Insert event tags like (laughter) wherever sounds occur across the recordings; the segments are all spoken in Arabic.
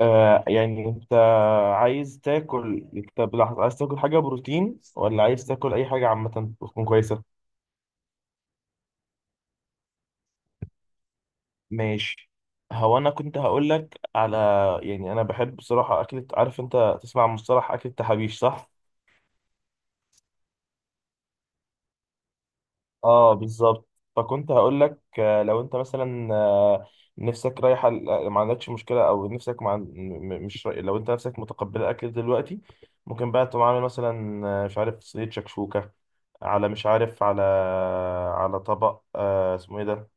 آه يعني انت عايز تاكل. طب لحظة، عايز تاكل حاجة بروتين ولا عايز تاكل أي حاجة عامة تكون كويسة؟ ماشي. هو أنا كنت هقولك على، يعني أنا بحب بصراحة أكلة، عارف أنت تسمع عن مصطلح أكلة تحابيش صح؟ اه بالظبط. فكنت هقول لك، لو انت مثلا، نفسك رايحه ما عندكش مشكله، او نفسك مع م- م- مش راي- لو انت نفسك متقبله اكل دلوقتي، ممكن بقى تقوم عامل مثلا، مش عارف، صينيه شكشوكه على، مش عارف، على على طبق، اسمه ايه ده،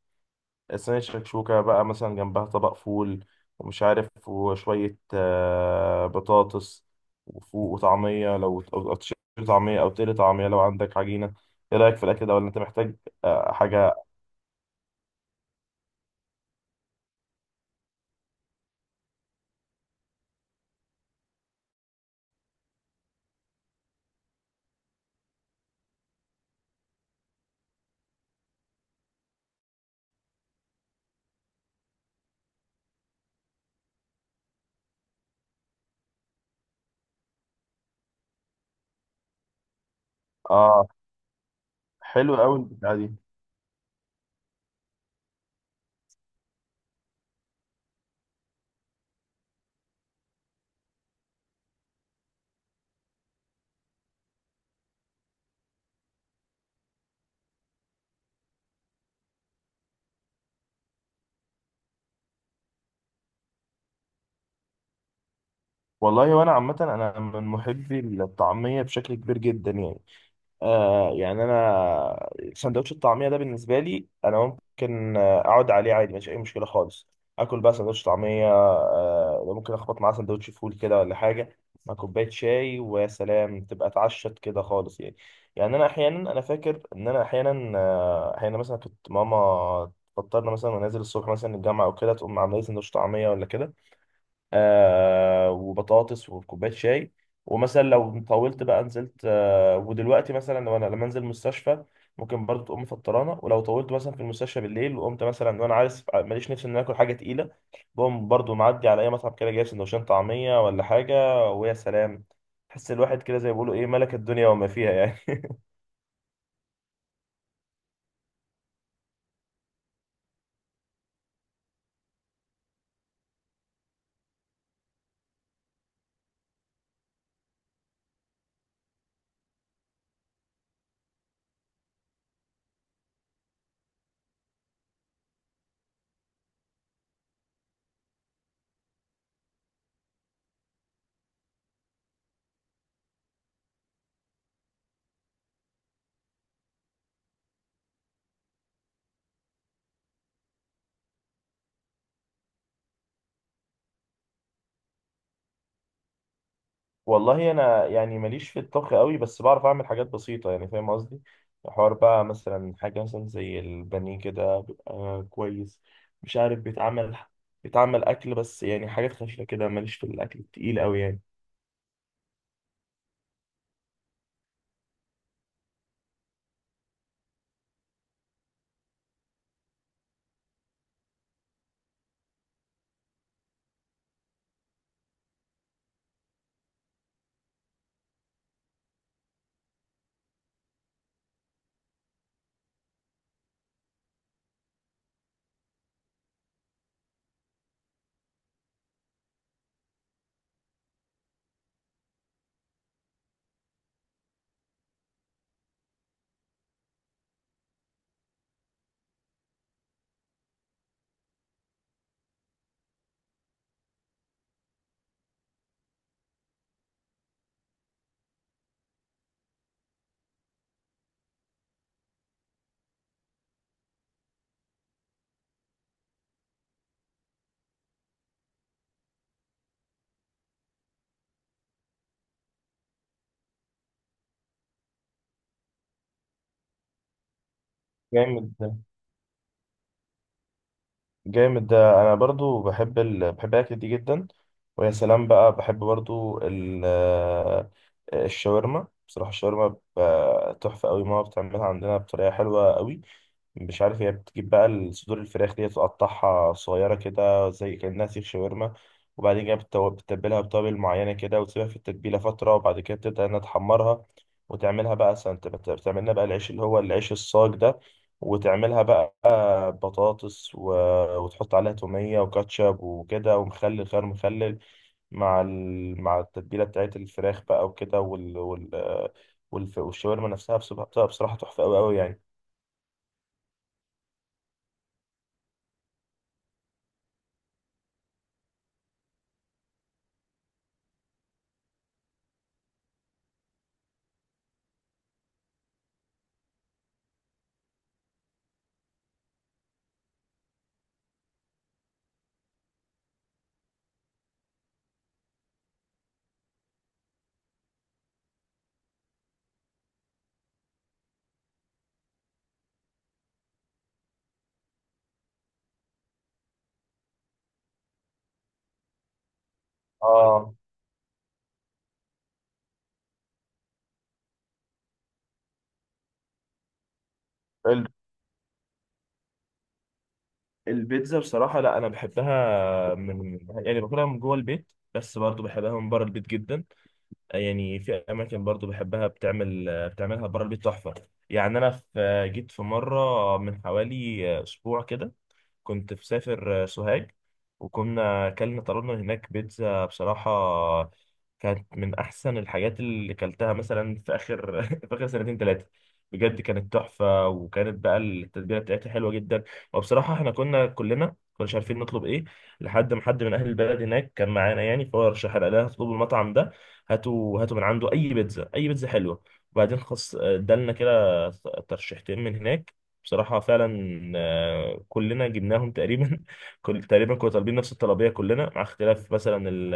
صينية شكشوكة بقى مثلا جنبها طبق فول، ومش عارف، وشوية بطاطس وفوق وطعمية، لو أو تشيل طعمية، أو تقلي طعمية لو عندك عجينة. إيه رأيك في الأكل ده، ولا أنت محتاج حاجة؟ آه حلو أوي البتاعة دي. والله وأنا عامة أنا من محبي الطعمية بشكل كبير جدا يعني. آه يعني انا سندوتش الطعميه ده بالنسبه لي انا ممكن اقعد عليه عادي، مفيش اي مشكله خالص. اكل بقى سندوتش طعميه، آه ممكن اخبط معاه سندوتش فول كده ولا حاجه، مع كوبايه شاي، ويا سلام تبقى اتعشت كده خالص يعني. يعني انا احيانا، انا فاكر ان انا احيانا مثلا كنت ماما تفطرنا مثلا، ونازل الصبح مثلا الجامعه او كده، تقوم عامله لي سندوتش طعميه ولا كده، آه وبطاطس وكوبايه شاي. ومثلا لو طولت بقى نزلت، آه ودلوقتي مثلا لو انا لما انزل مستشفى، ممكن برضو تقوم مفطرانه. ولو طولت مثلا في المستشفى بالليل وقمت مثلا، وانا عارف ماليش نفسي ان أنا اكل حاجه تقيله، بقوم برضو معدي على اي مطعم كده، جايب سندوتشين طعميه ولا حاجه، ويا سلام، تحس الواحد كده زي ما بيقولوا ايه، ملك الدنيا وما فيها يعني. والله انا يعني ماليش في الطبخ قوي، بس بعرف اعمل حاجات بسيطه يعني، فاهم قصدي. حوار بقى مثلا حاجه مثلا زي البانيه كده بيبقى كويس، مش عارف بيتعمل، بيتعمل اكل، بس يعني حاجات خفيفه كده، ماليش في الاكل التقيل قوي يعني. جامد ده. جامد ده، انا برضو بحب بحب الاكل دي جدا. ويا سلام بقى، بحب برضو ال... آه، الشاورما. بصراحه الشاورما تحفه قوي. ماما بتعملها عندنا بطريقه حلوه قوي. مش عارف، هي بتجيب بقى الصدور الفراخ دي، تقطعها صغيرة كده زي كأنها سيخ شاورما، وبعدين كده بتتبلها بتوابل معينة كده، وتسيبها في التتبيلة فترة، وبعد كده بتبدأ إنها تحمرها. وتعملها بقى سنت، بتعمل لنا بقى العيش، اللي هو العيش الصاج ده. وتعملها بقى بطاطس وتحط عليها تومية وكاتشب وكده، ومخلل خيار مخلل، مع مع التتبيلة بتاعت الفراخ بقى وكده، والشاورما نفسها بصراحة، بصراحة تحفة أوي أوي يعني. اه. البيتزا بصراحة، لا أنا بحبها من، يعني باكلها من جوه البيت، بس برضو بحبها من بره البيت جدا. يعني في أماكن برضو بحبها، بتعمل بتعملها بره البيت تحفة. يعني أنا في جيت في مرة من حوالي أسبوع كده، كنت في سافر سوهاج، وكنا أكلنا طلبنا من هناك بيتزا. بصراحة كانت من أحسن الحاجات اللي كلتها، مثلا في آخر (laughs) في آخر سنتين ثلاثة. بجد كانت تحفة، وكانت بقى التتبيلة بتاعتها حلوة جدا. وبصراحة احنا كنا كلنا كناش عارفين نطلب ايه، لحد ما حد من أهل البلد هناك كان معانا يعني، فهو رشح لنا، قال لنا اطلبوا المطعم ده، هاتوا هاتوا من عنده أي بيتزا، أي بيتزا حلوة. وبعدين خص ادالنا كده ترشيحتين من هناك. بصراحة فعلا كلنا جبناهم تقريبا (laughs) كل تقريبا كنا طالبين نفس الطلبية كلنا، مع اختلاف مثلا ال-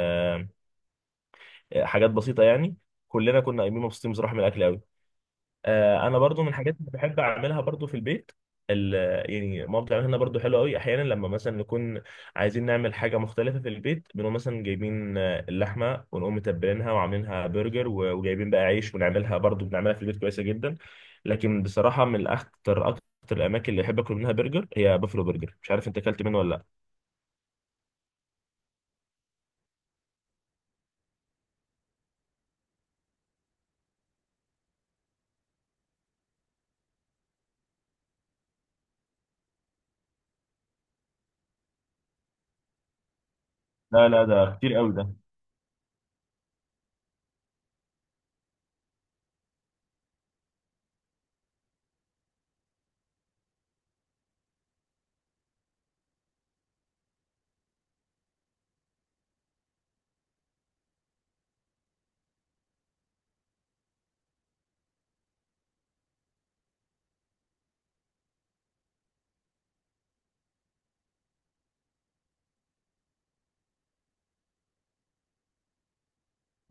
آه، حاجات بسيطة يعني. كلنا كنا قايمين مبسوطين بصراحة من الأكل أوي. انا برضو من الحاجات اللي بحب اعملها برضو في البيت ال- يعني ماما بتعملها لنا برضو حلو قوي. احيانا لما مثلا نكون عايزين نعمل حاجه مختلفه في البيت، بنقوم مثلا جايبين اللحمه، ونقوم متبلينها وعاملينها برجر، وجايبين بقى عيش، ونعملها برضو بنعملها في البيت كويسه جدا. لكن بصراحه من اكتر الاماكن اللي بحب اكل منها برجر، هي بافلو برجر. مش عارف انت اكلت منه ولا. لا ده كتير قوي ده.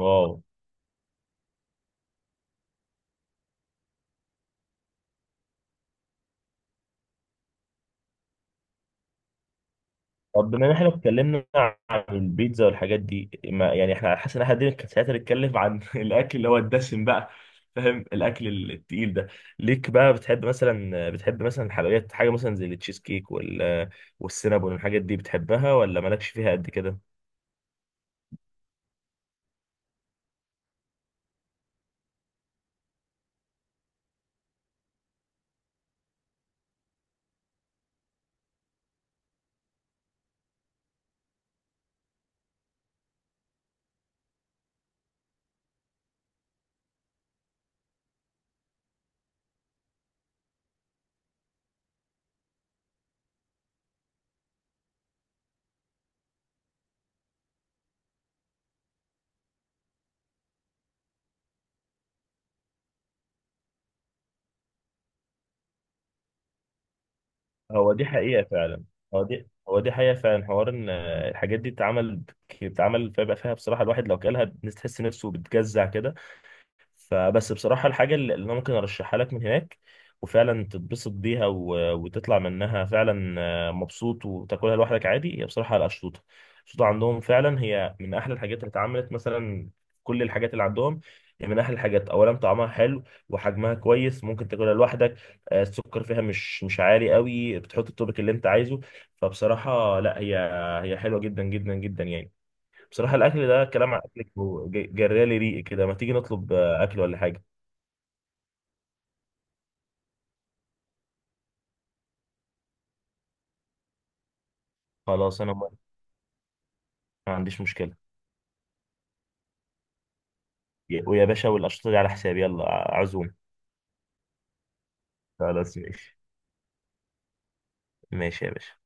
واو. طب بما ان احنا اتكلمنا عن البيتزا والحاجات دي، ما يعني احنا حاسس ان احنا قاعدين ساعتها نتكلم عن (laughs) الاكل اللي هو الدسم بقى، فاهم الاكل التقيل ده، ليك بقى بتحب مثلا، بتحب مثلا الحلويات، حاجه مثلا زي التشيز كيك والسينابون والحاجات دي بتحبها، ولا مالكش فيها قد كده؟ هو دي حقيقه فعلا. هو دي حقيقه فعلا. حوار ان الحاجات دي بتتعمل، بتتعمل، فيبقى فيها بصراحه الواحد لو كلها تحس نفسه بتجزع كده. فبس بصراحة، الحاجة اللي أنا ممكن أرشحها لك من هناك، وفعلا تتبسط بيها وتطلع منها فعلا مبسوط، وتاكلها لوحدك عادي، هي بصراحة الأشطوطة. الأشطوطة عندهم فعلا هي من أحلى الحاجات اللي اتعملت، مثلا كل الحاجات اللي عندهم. هي من أحلى الحاجات، أولا طعمها حلو، وحجمها كويس ممكن تاكلها لوحدك. السكر فيها مش عالي قوي، بتحط التوبك اللي أنت عايزه. فبصراحة لا، هي حلوة جدا جدا جدا يعني. بصراحة الأكل ده، كلام عن أكلك جرالي ريقي كده. ما تيجي نطلب أكل ولا حاجة؟ خلاص أنا موافق. ما عنديش مشكلة. ويا باشا، والأشطة دي على حسابي، يلا عزوم. خلاص ماشي. ماشي يا باشا.